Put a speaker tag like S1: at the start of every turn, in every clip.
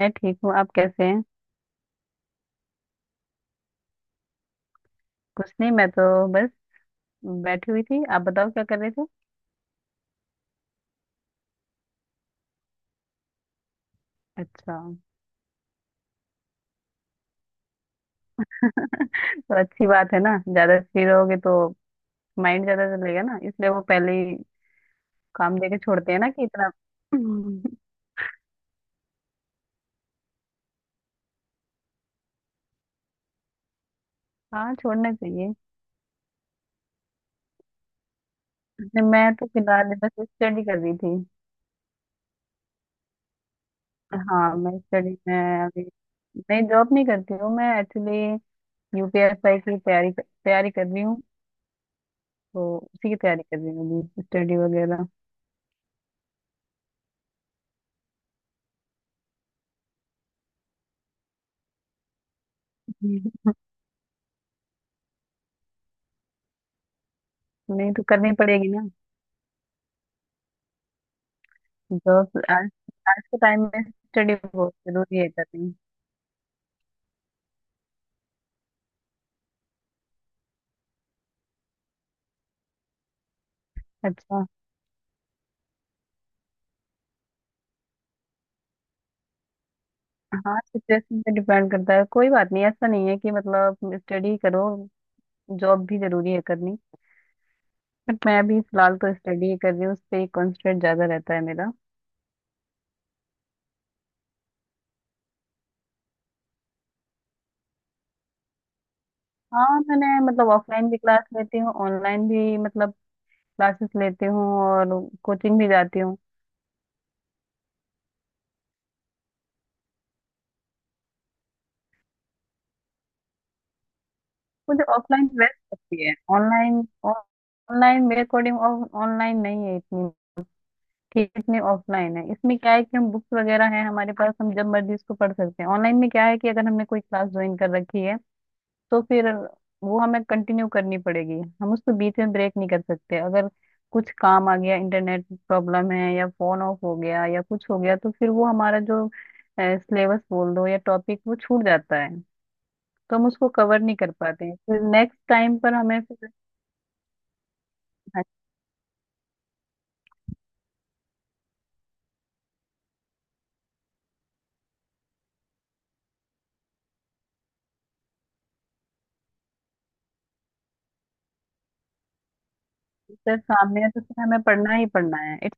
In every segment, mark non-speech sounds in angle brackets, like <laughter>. S1: मैं ठीक हूँ। आप कैसे हैं? कुछ नहीं, मैं तो बस बैठी हुई थी। आप बताओ क्या कर रहे थे? अच्छा, तो अच्छी बात है ना, ज्यादा फ्री रहोगे तो माइंड ज्यादा चलेगा ना, इसलिए वो पहले ही काम देके छोड़ते हैं ना कि इतना। <clears throat> <laughs> हाँ, छोड़ना चाहिए। नहीं, मैं तो फिलहाल बस स्टडी कर रही थी। हाँ, मैं स्टडी में अभी। नहीं, जॉब नहीं करती हूँ मैं एक्चुअली। यूपीएसआई की तैयारी तैयारी कर रही हूँ। तो उसी की तैयारी कर रही हूँ अभी, स्टडी वगैरह। <laughs> नहीं तो करनी पड़ेगी। जॉब आज। आज के टाइम में स्टडी बहुत जरूरी है करनी। अच्छा। हाँ, सिचुएशन पे डिपेंड करता है, कोई बात नहीं। ऐसा नहीं है कि मतलब स्टडी करो, जॉब भी जरूरी है करनी। बट मैं अभी फिलहाल तो स्टडी ही कर रही हूँ, उस पर कॉन्सेंट्रेट ज्यादा रहता है मेरा। हाँ, मैंने मतलब ऑफलाइन भी क्लास लेती हूँ, ऑनलाइन भी मतलब क्लासेस लेती हूँ, और कोचिंग भी जाती हूँ। मुझे ऑफलाइन बेस्ट लगती है। ऑनलाइन ऑनलाइन मेरे अकॉर्डिंग ऑनलाइन नहीं है इतनी, कितने ऑफलाइन है। इसमें क्या है कि हम बुक्स वगैरह हैं हमारे पास, हम जब मर्जी इसको पढ़ सकते हैं। ऑनलाइन में क्या है कि अगर हमने कोई क्लास ज्वाइन कर रखी है तो फिर वो हमें कंटिन्यू करनी पड़ेगी। हम उसको बीच में ब्रेक नहीं कर सकते। अगर कुछ काम आ गया, इंटरनेट प्रॉब्लम है या फोन ऑफ हो गया या कुछ हो गया, तो फिर वो हमारा जो सिलेबस बोल दो या टॉपिक, वो छूट जाता है। तो हम उसको कवर नहीं कर पाते हैं फिर, नेक्स्ट टाइम पर हमें फिर। हाँ, teacher सामने है तो फिर हमें पढ़ना ही पढ़ना है,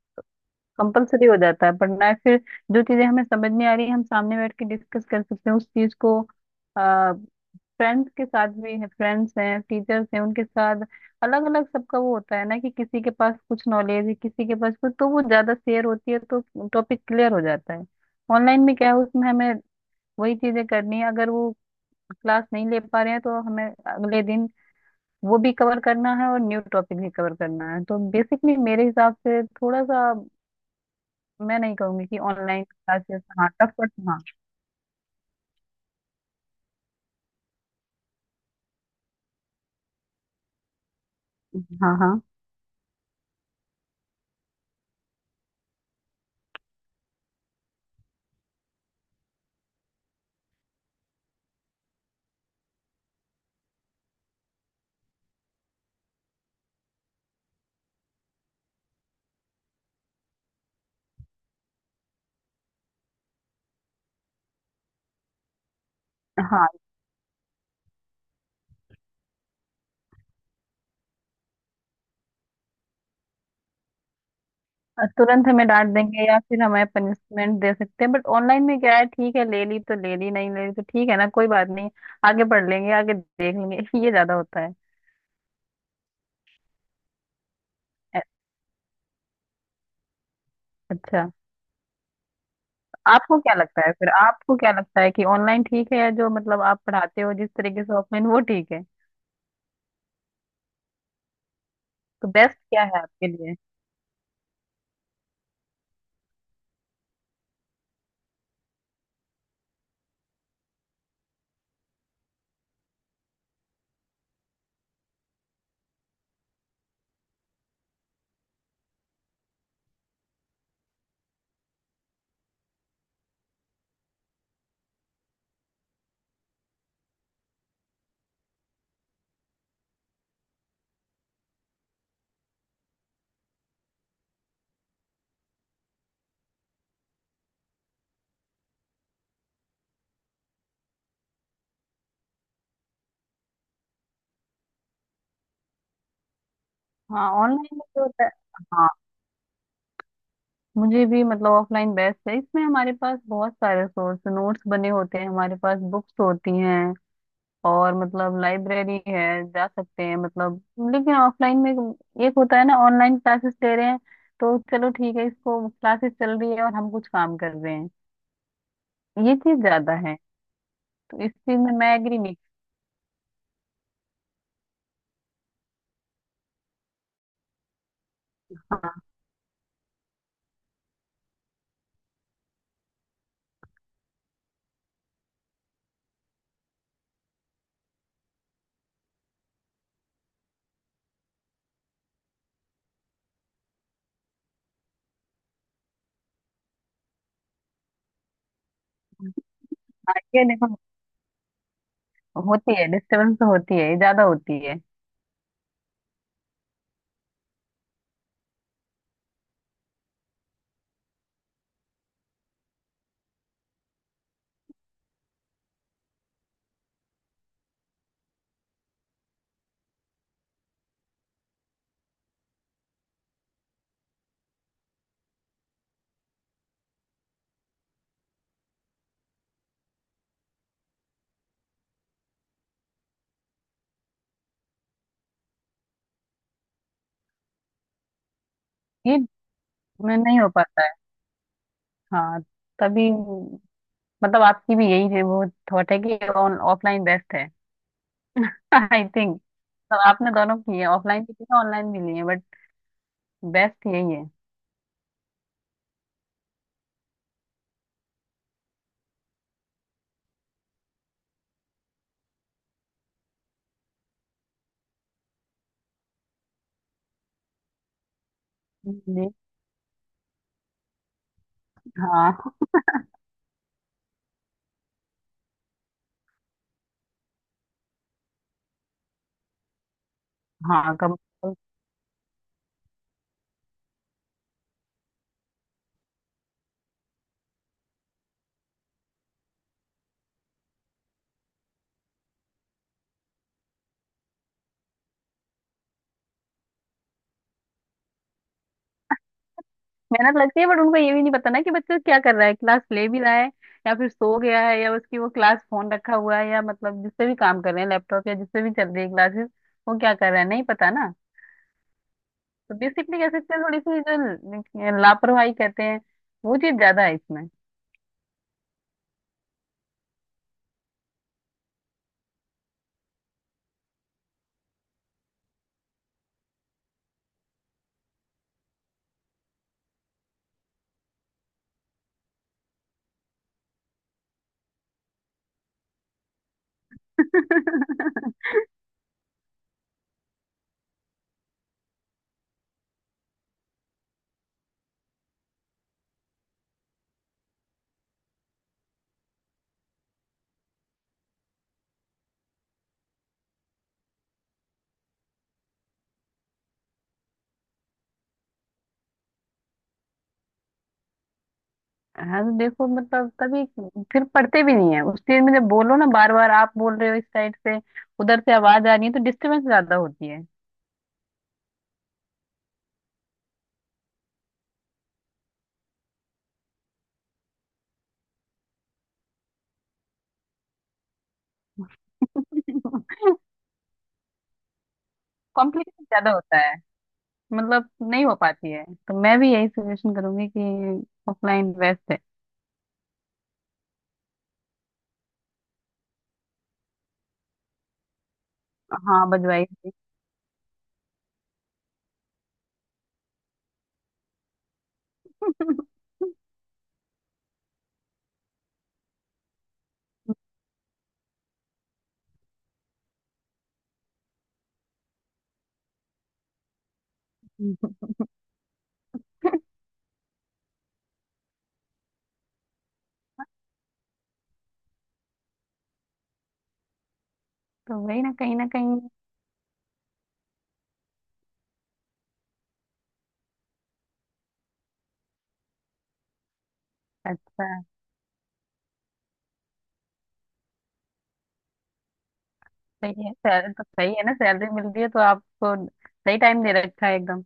S1: कंपलसरी हो जाता है पढ़ना है फिर। जो चीजें हमें समझ नहीं आ रही, हम सामने बैठ के डिस्कस कर सकते हैं उस चीज को। आ, फ्रेंड्स के साथ भी है, फ्रेंड्स हैं टीचर्स हैं उनके साथ। अलग अलग सबका वो होता है ना, कि किसी के पास कुछ नॉलेज है, किसी के पास कुछ, तो वो ज्यादा शेयर होती है तो टॉपिक क्लियर हो जाता है। ऑनलाइन में क्या है, उसमें हमें वही चीजें करनी है। अगर वो क्लास नहीं ले पा रहे हैं तो हमें अगले दिन वो भी कवर करना है और न्यू टॉपिक भी कवर करना है, तो बेसिकली मेरे हिसाब से थोड़ा सा। मैं नहीं कहूंगी कि ऑनलाइन क्लासेस, हाँ टफ, बट हाँ, हाँ, हाँ, हाँ, हाँ, तुरंत हमें डांट देंगे या फिर हमें पनिशमेंट दे सकते हैं। बट ऑनलाइन में क्या है, ठीक है ले ली तो ले ली, नहीं ले ली तो ठीक है ना, कोई बात नहीं। आगे पढ़ लेंगे, आगे देख लेंगे। <laughs> ये ज्यादा होता है। अ- अच्छा। आपको क्या लगता है कि ऑनलाइन ठीक है या जो मतलब आप पढ़ाते हो जिस तरीके से ऑफलाइन वो ठीक है? तो बेस्ट क्या है आपके लिए? हाँ, ऑनलाइन में जो होता है। हाँ, मुझे भी मतलब ऑफलाइन बेस्ट है। इसमें हमारे पास बहुत सारे सोर्स, नोट्स बने होते हैं, हमारे पास बुक्स होती हैं, और मतलब लाइब्रेरी है, जा सकते हैं मतलब। लेकिन ऑफलाइन में एक होता है ना, ऑनलाइन क्लासेस ले रहे हैं तो चलो ठीक है इसको, क्लासेस चल रही है और हम कुछ काम कर रहे हैं, ये चीज ज्यादा है। तो इस चीज में मैं एग्री नहीं। हाँ, ये देखो होती है, डिस्टर्बेंस तो होती है, ये ज्यादा होती है। ये मैं, नहीं हो पाता है। हाँ, तभी मतलब आपकी भी यही है वो थॉट है कि ऑन ऑफलाइन बेस्ट है। <laughs> आई थिंक, मतलब आपने दोनों की है, ऑफलाइन भी लिए, ऑनलाइन भी लिए, बट बेस्ट यही है। जी। हाँ, हाँ, कम। मेहनत लगती है, बट उनको ये भी नहीं पता ना कि बच्चा क्या कर रहा है, क्लास ले भी रहा है, या फिर सो गया है, या उसकी वो क्लास फोन रखा हुआ है, या मतलब जिससे भी काम कर रहे हैं, लैपटॉप या जिससे भी चल रही है क्लासेस, वो क्या कर रहा है नहीं पता ना। तो बेसिकली कह सकते हैं थोड़ी सी जो लापरवाही कहते हैं, वो चीज ज्यादा है इसमें। <laughs> हाँ, तो देखो मतलब कभी फिर पढ़ते भी नहीं है उस चीज में, जब बोलो ना बार बार, आप बोल रहे हो इस साइड से, उधर से आवाज आ रही है, तो डिस्टरबेंस ज्यादा होती है। <laughs> कॉम्प्लिकेशन ज्यादा होता है, मतलब नहीं हो पाती है, तो मैं भी यही सजेशन करूंगी कि ऑफलाइन बेस्ट है। हाँ बजवाई थी। <laughs> तो वही ना, कहीं ना कहीं। अच्छा, सही है, सैलरी तो सही है ना, सैलरी मिल रही है तो आपको सही टाइम दे रखा है एकदम।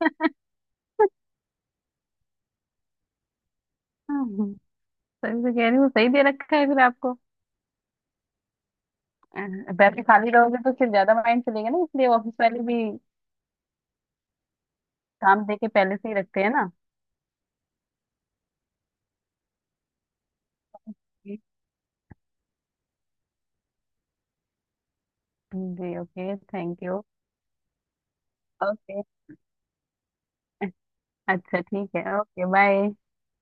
S1: <laughs> सही से कह रही हूँ, सही दे रखा है फिर आपको। वैसे खाली रहोगे तो फिर ज्यादा माइंड चलेगा ना, इसलिए ऑफिस वाले भी काम दे के पहले से ही रखते हैं ना। जी, ओके, थैंक यू। ओके, अच्छा ठीक है, ओके बाय।